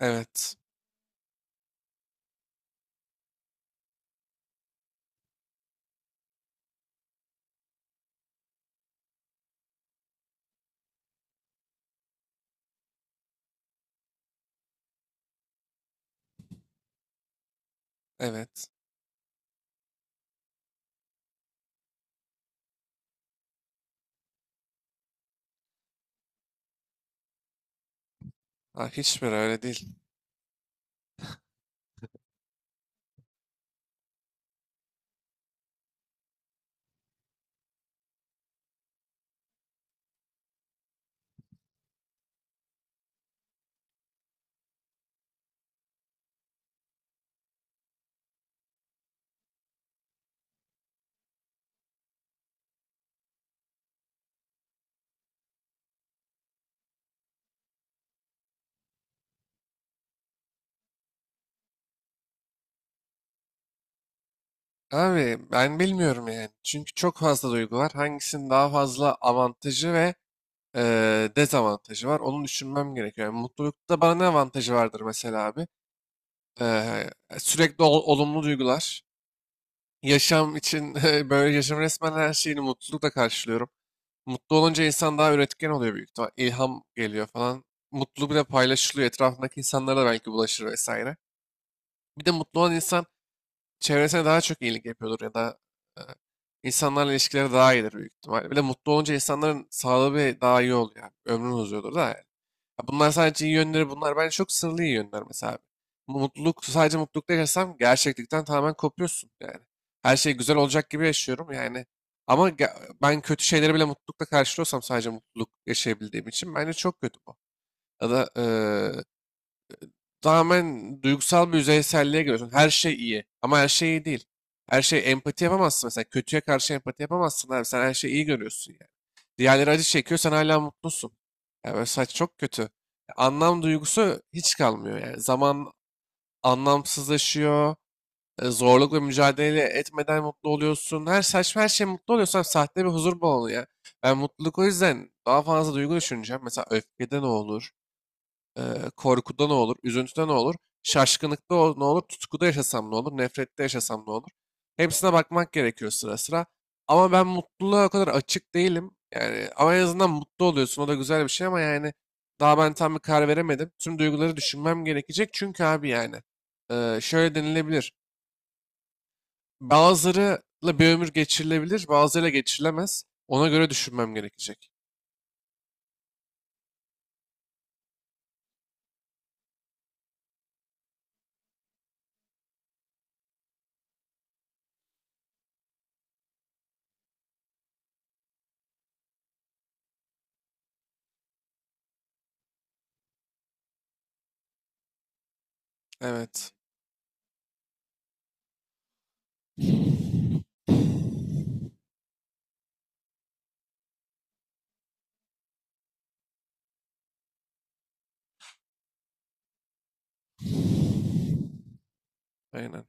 Evet. Evet. Ha, hiçbir öyle değil. Abi ben bilmiyorum yani. Çünkü çok fazla duygu var. Hangisinin daha fazla avantajı ve dezavantajı var. Onu düşünmem gerekiyor. Yani mutlulukta bana ne avantajı vardır mesela abi? E, sürekli olumlu duygular. Yaşam için böyle yaşam resmen her şeyini mutlulukla karşılıyorum. Mutlu olunca insan daha üretken oluyor büyük ihtimal. İlham geliyor falan. Mutluluk bile paylaşılıyor. Etrafındaki insanlara da belki bulaşır vesaire. Bir de mutlu olan insan çevresine daha çok iyilik yapıyordur ya da e, insanlarla ilişkileri daha iyidir büyük ihtimalle. Bir de mutlu olunca insanların sağlığı bir daha iyi oluyor. Yani. Ömrün uzuyordur da. Yani. Ya, bunlar sadece iyi yönleri bunlar. Bence çok sınırlı iyi yönler mesela. Bu mutluluk, sadece mutlulukta yaşasam gerçeklikten tamamen kopuyorsun yani. Her şey güzel olacak gibi yaşıyorum yani. Ben kötü şeyleri bile mutlulukla karşılıyorsam sadece mutluluk yaşayabildiğim için bence çok kötü bu. Ya da tamamen duygusal bir yüzeyselliğe giriyorsun. Her şey iyi ama her şey iyi değil. Her şey empati yapamazsın mesela. Kötüye karşı empati yapamazsın abi. Sen her şeyi iyi görüyorsun yani. Diğerleri acı çekiyor, sen hala mutlusun. Yani böyle saç çok kötü. Anlam duygusu hiç kalmıyor yani. Zaman anlamsızlaşıyor. Zorluk ve mücadele etmeden mutlu oluyorsun. Her saçma her şey mutlu oluyorsan sahte bir huzur balonu ya. Ben mutluluk o yüzden daha fazla duygu düşüneceğim. Mesela öfkede ne olur? Korkuda ne olur, üzüntüde ne olur, şaşkınlıkta ne olur, tutkuda yaşasam ne olur, nefrette yaşasam ne olur. Hepsine bakmak gerekiyor sıra sıra. Ama ben mutluluğa o kadar açık değilim. Yani ama en azından mutlu oluyorsun. O da güzel bir şey ama yani daha ben tam bir karar veremedim. Tüm duyguları düşünmem gerekecek. Çünkü abi yani şöyle denilebilir. Bazılarıyla bir ömür geçirilebilir, bazılarıyla geçirilemez. Ona göre düşünmem gerekecek. Evet, aynen.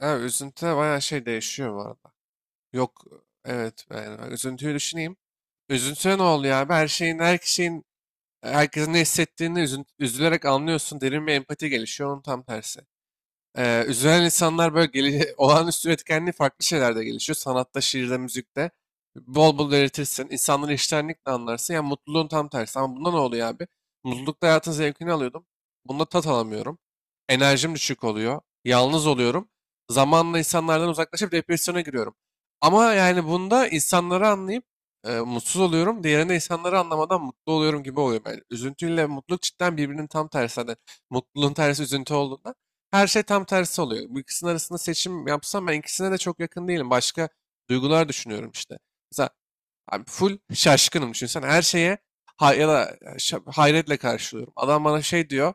Ha, üzüntüde bayağı şey değişiyor bu arada. Yok, evet yani üzüntüyü düşüneyim. Üzüntüne ne oluyor abi? Her şeyin, her kişinin, herkesin ne hissettiğini üzülerek anlıyorsun. Derin bir empati gelişiyor. Onun tam tersi. Üzülen insanlar böyle geli olağanüstü üretkenliği farklı şeylerde gelişiyor. Sanatta, şiirde, müzikte. Bol bol üretirsin. İnsanları iştenlikle anlarsın. Yani mutluluğun tam tersi. Ama bunda ne oluyor abi? Mutlulukta hayatın zevkini alıyordum. Bunda tat alamıyorum. Enerjim düşük oluyor. Yalnız oluyorum. Zamanla insanlardan uzaklaşıp depresyona giriyorum. Ama yani bunda insanları anlayıp mutsuz oluyorum. Diğerinde insanları anlamadan mutlu oluyorum gibi oluyor. Yani üzüntüyle mutluluk cidden birbirinin tam tersi. Hani mutluluğun tersi üzüntü olduğunda her şey tam tersi oluyor. Bu ikisinin arasında seçim yapsam ben ikisine de çok yakın değilim. Başka duygular düşünüyorum işte. Mesela abi full şaşkınım düşünsene. Her şeye hayretle karşılıyorum. Adam bana şey diyor.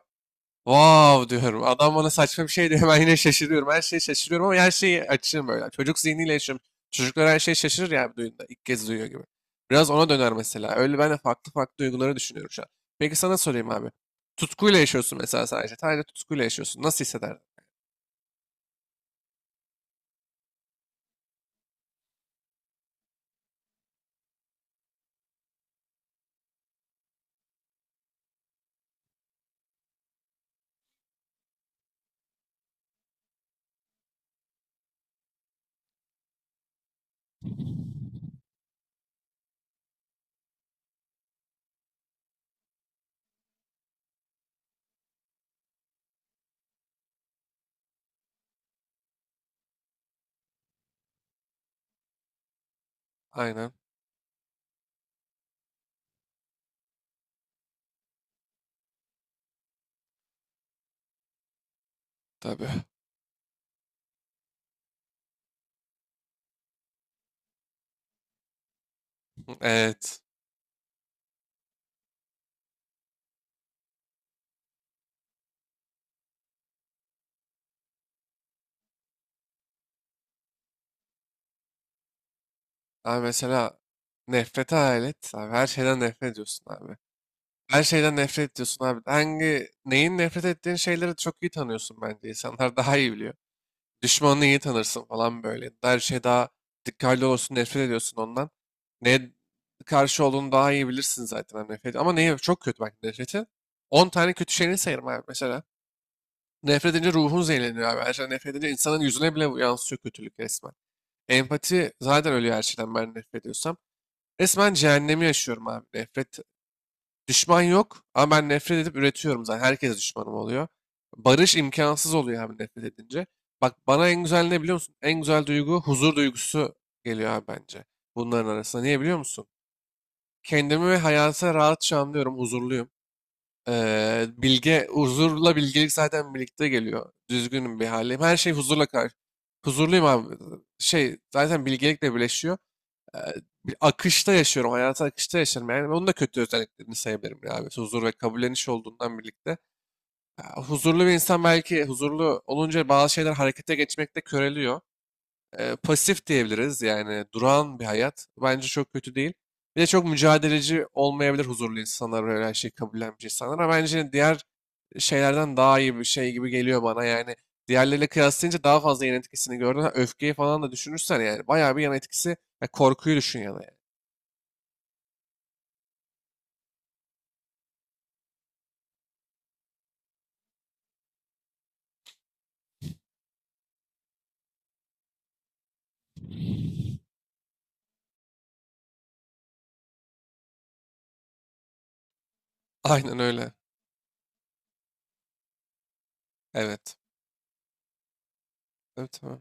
Wow diyorum. Adam bana saçma bir şey diyor. Ben yine şaşırıyorum. Her şeye şaşırıyorum ama her şeyi açığım böyle. Çocuk zihniyle yaşıyorum. Çocuklar her şeye şaşırır ya bir duyunda. İlk kez duyuyor gibi. Biraz ona döner mesela. Öyle ben de farklı farklı duyguları düşünüyorum şu an. Peki sana sorayım abi. Tutkuyla yaşıyorsun mesela sadece. Sadece tutkuyla yaşıyorsun. Nasıl hisseder? Aynen. Tabii. Evet. Abi mesela nefrete alet. Abi her şeyden nefret ediyorsun abi. Her şeyden nefret ediyorsun abi. Hangi, neyin nefret ettiğin şeyleri çok iyi tanıyorsun bence. İnsanlar daha iyi biliyor. Düşmanını iyi tanırsın falan böyle. Her şey daha dikkatli olursun, nefret ediyorsun ondan. Neye karşı olduğunu daha iyi bilirsin zaten abi nefret. Ama neye çok kötü bak nefreti. 10 tane kötü şeyini sayarım abi mesela. Nefret edince ruhun zehirleniyor abi. Her şeyden nefret edince insanın yüzüne bile yansıyor kötülük resmen. Empati zaten ölüyor her şeyden ben nefret ediyorsam. Resmen cehennemi yaşıyorum abi. Nefret. Düşman yok ama ben nefret edip üretiyorum zaten. Herkes düşmanım oluyor. Barış imkansız oluyor abi nefret edince. Bak bana en güzel ne biliyor musun? En güzel duygu huzur duygusu geliyor abi bence. Bunların arasında. Niye biliyor musun? Kendimi ve hayata rahatça anlıyorum. Huzurluyum. Bilge, huzurla bilgelik zaten birlikte geliyor. Düzgünüm bir halim. Her şey huzurla karşı. Huzurluyum abi. Şey zaten bilgelikle birleşiyor, e, bir akışta yaşıyorum. Hayatı akışta yaşarım. Yani onun da kötü özelliklerini sayabilirim ya abi. Huzur ve kabulleniş olduğundan birlikte. Ya, huzurlu bir insan belki huzurlu olunca bazı şeyler harekete geçmekte köreliyor. Pasif diyebiliriz yani duran bir hayat. Bence çok kötü değil. Bir de çok mücadeleci olmayabilir huzurlu insanlar böyle her şeyi kabullenmiş insanlar. Ama bence diğer şeylerden daha iyi bir şey gibi geliyor bana yani. Diğerleriyle kıyaslayınca daha fazla yan etkisini gördün. Ha, öfkeyi falan da düşünürsen yani bayağı bir yan etkisi. Ya korkuyu düşün ya da yani. Aynen öyle. Evet. Tabii, tabii.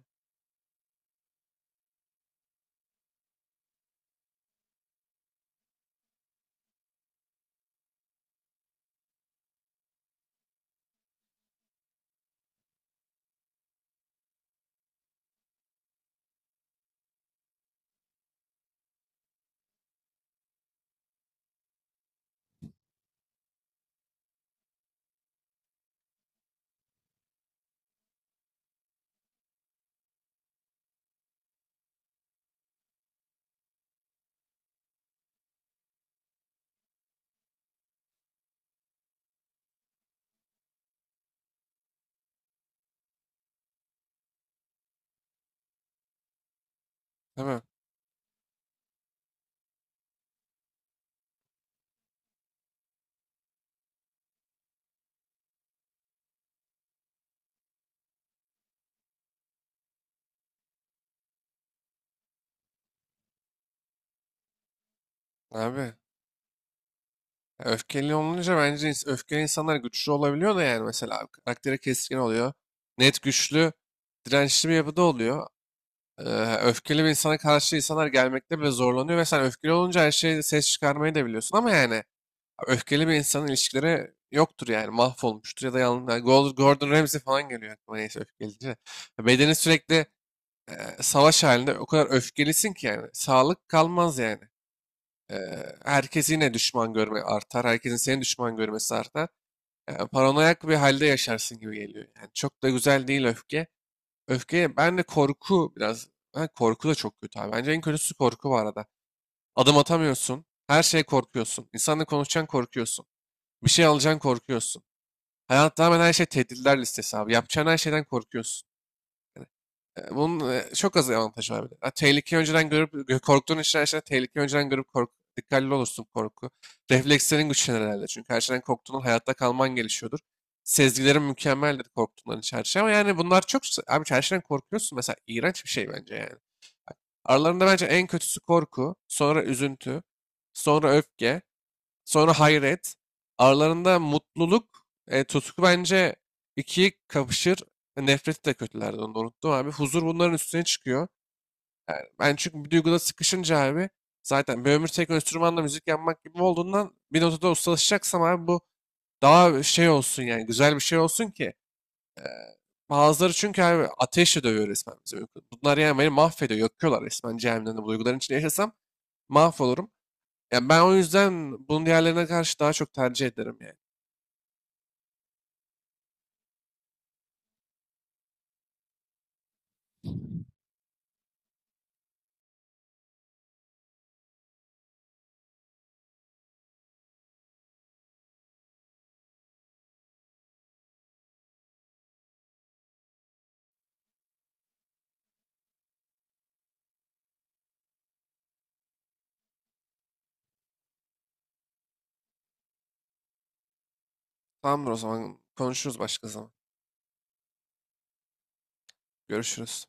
Değil mi? Abi. Ya öfkeli olunca bence öfkeli insanlar güçlü olabiliyor da yani mesela karakteri keskin oluyor. Net güçlü, dirençli bir yapıda oluyor. Ee, Öfkeli bir insana karşı insanlar gelmekte bile zorlanıyor ve sen öfkeli olunca her şeyi ses çıkarmayı da biliyorsun ama yani öfkeli bir insanın ilişkileri yoktur yani mahvolmuştur ya da yanında Gordon Ramsay falan geliyor aklıma neyse öfkeli deyince. Bedeni sürekli e, savaş halinde o kadar öfkelisin ki yani sağlık kalmaz yani. Herkes yine düşman görme artar. Herkesin seni düşman görmesi artar. Yani paranoyak bir halde yaşarsın gibi geliyor. Yani çok da güzel değil öfke. Öfke, ben de korku biraz. Ha, korku da çok kötü abi. Bence en kötüsü korku bu arada. Adım atamıyorsun. Her şeye korkuyorsun. İnsanla konuşacaksın korkuyorsun. Bir şey alacaksın korkuyorsun. Hayat tamamen her şey tehditler listesi abi. Yapacağın her şeyden korkuyorsun. Bunun çok az avantajı var bir de. Ha, tehlikeyi önceden görüp, korktuğun için her şeyden tehlikeyi önceden görüp kork, dikkatli olursun korku. Reflekslerin güçlenir herhalde. Çünkü her şeyden korktuğundan hayatta kalman gelişiyordur. Sezgilerin mükemmeldir korktuğundan hiç her şey. Ama yani bunlar çok... Abi her şeyden korkuyorsun. Mesela iğrenç bir şey bence yani. Aralarında bence en kötüsü korku. Sonra üzüntü. Sonra öfke. Sonra hayret. Aralarında mutluluk, tutku bence ikiyi kapışır. Nefreti de kötülerden onu da unuttum abi. Huzur bunların üstüne çıkıyor. Ben çünkü bir duyguda sıkışınca abi zaten bir ömür tek enstrümanla müzik yapmak gibi olduğundan bir notada ustalaşacaksam abi bu daha şey olsun yani güzel bir şey olsun ki. Bazıları çünkü abi ateşle dövüyor resmen bizi. Uyku. Bunlar yani beni mahvediyor, yakıyorlar resmen cehennemde. Bu duyguların içinde yaşasam mahvolurum. Yani ben o yüzden bunun diğerlerine karşı daha çok tercih ederim yani. Tamamdır o zaman. Konuşuruz başka zaman. Görüşürüz.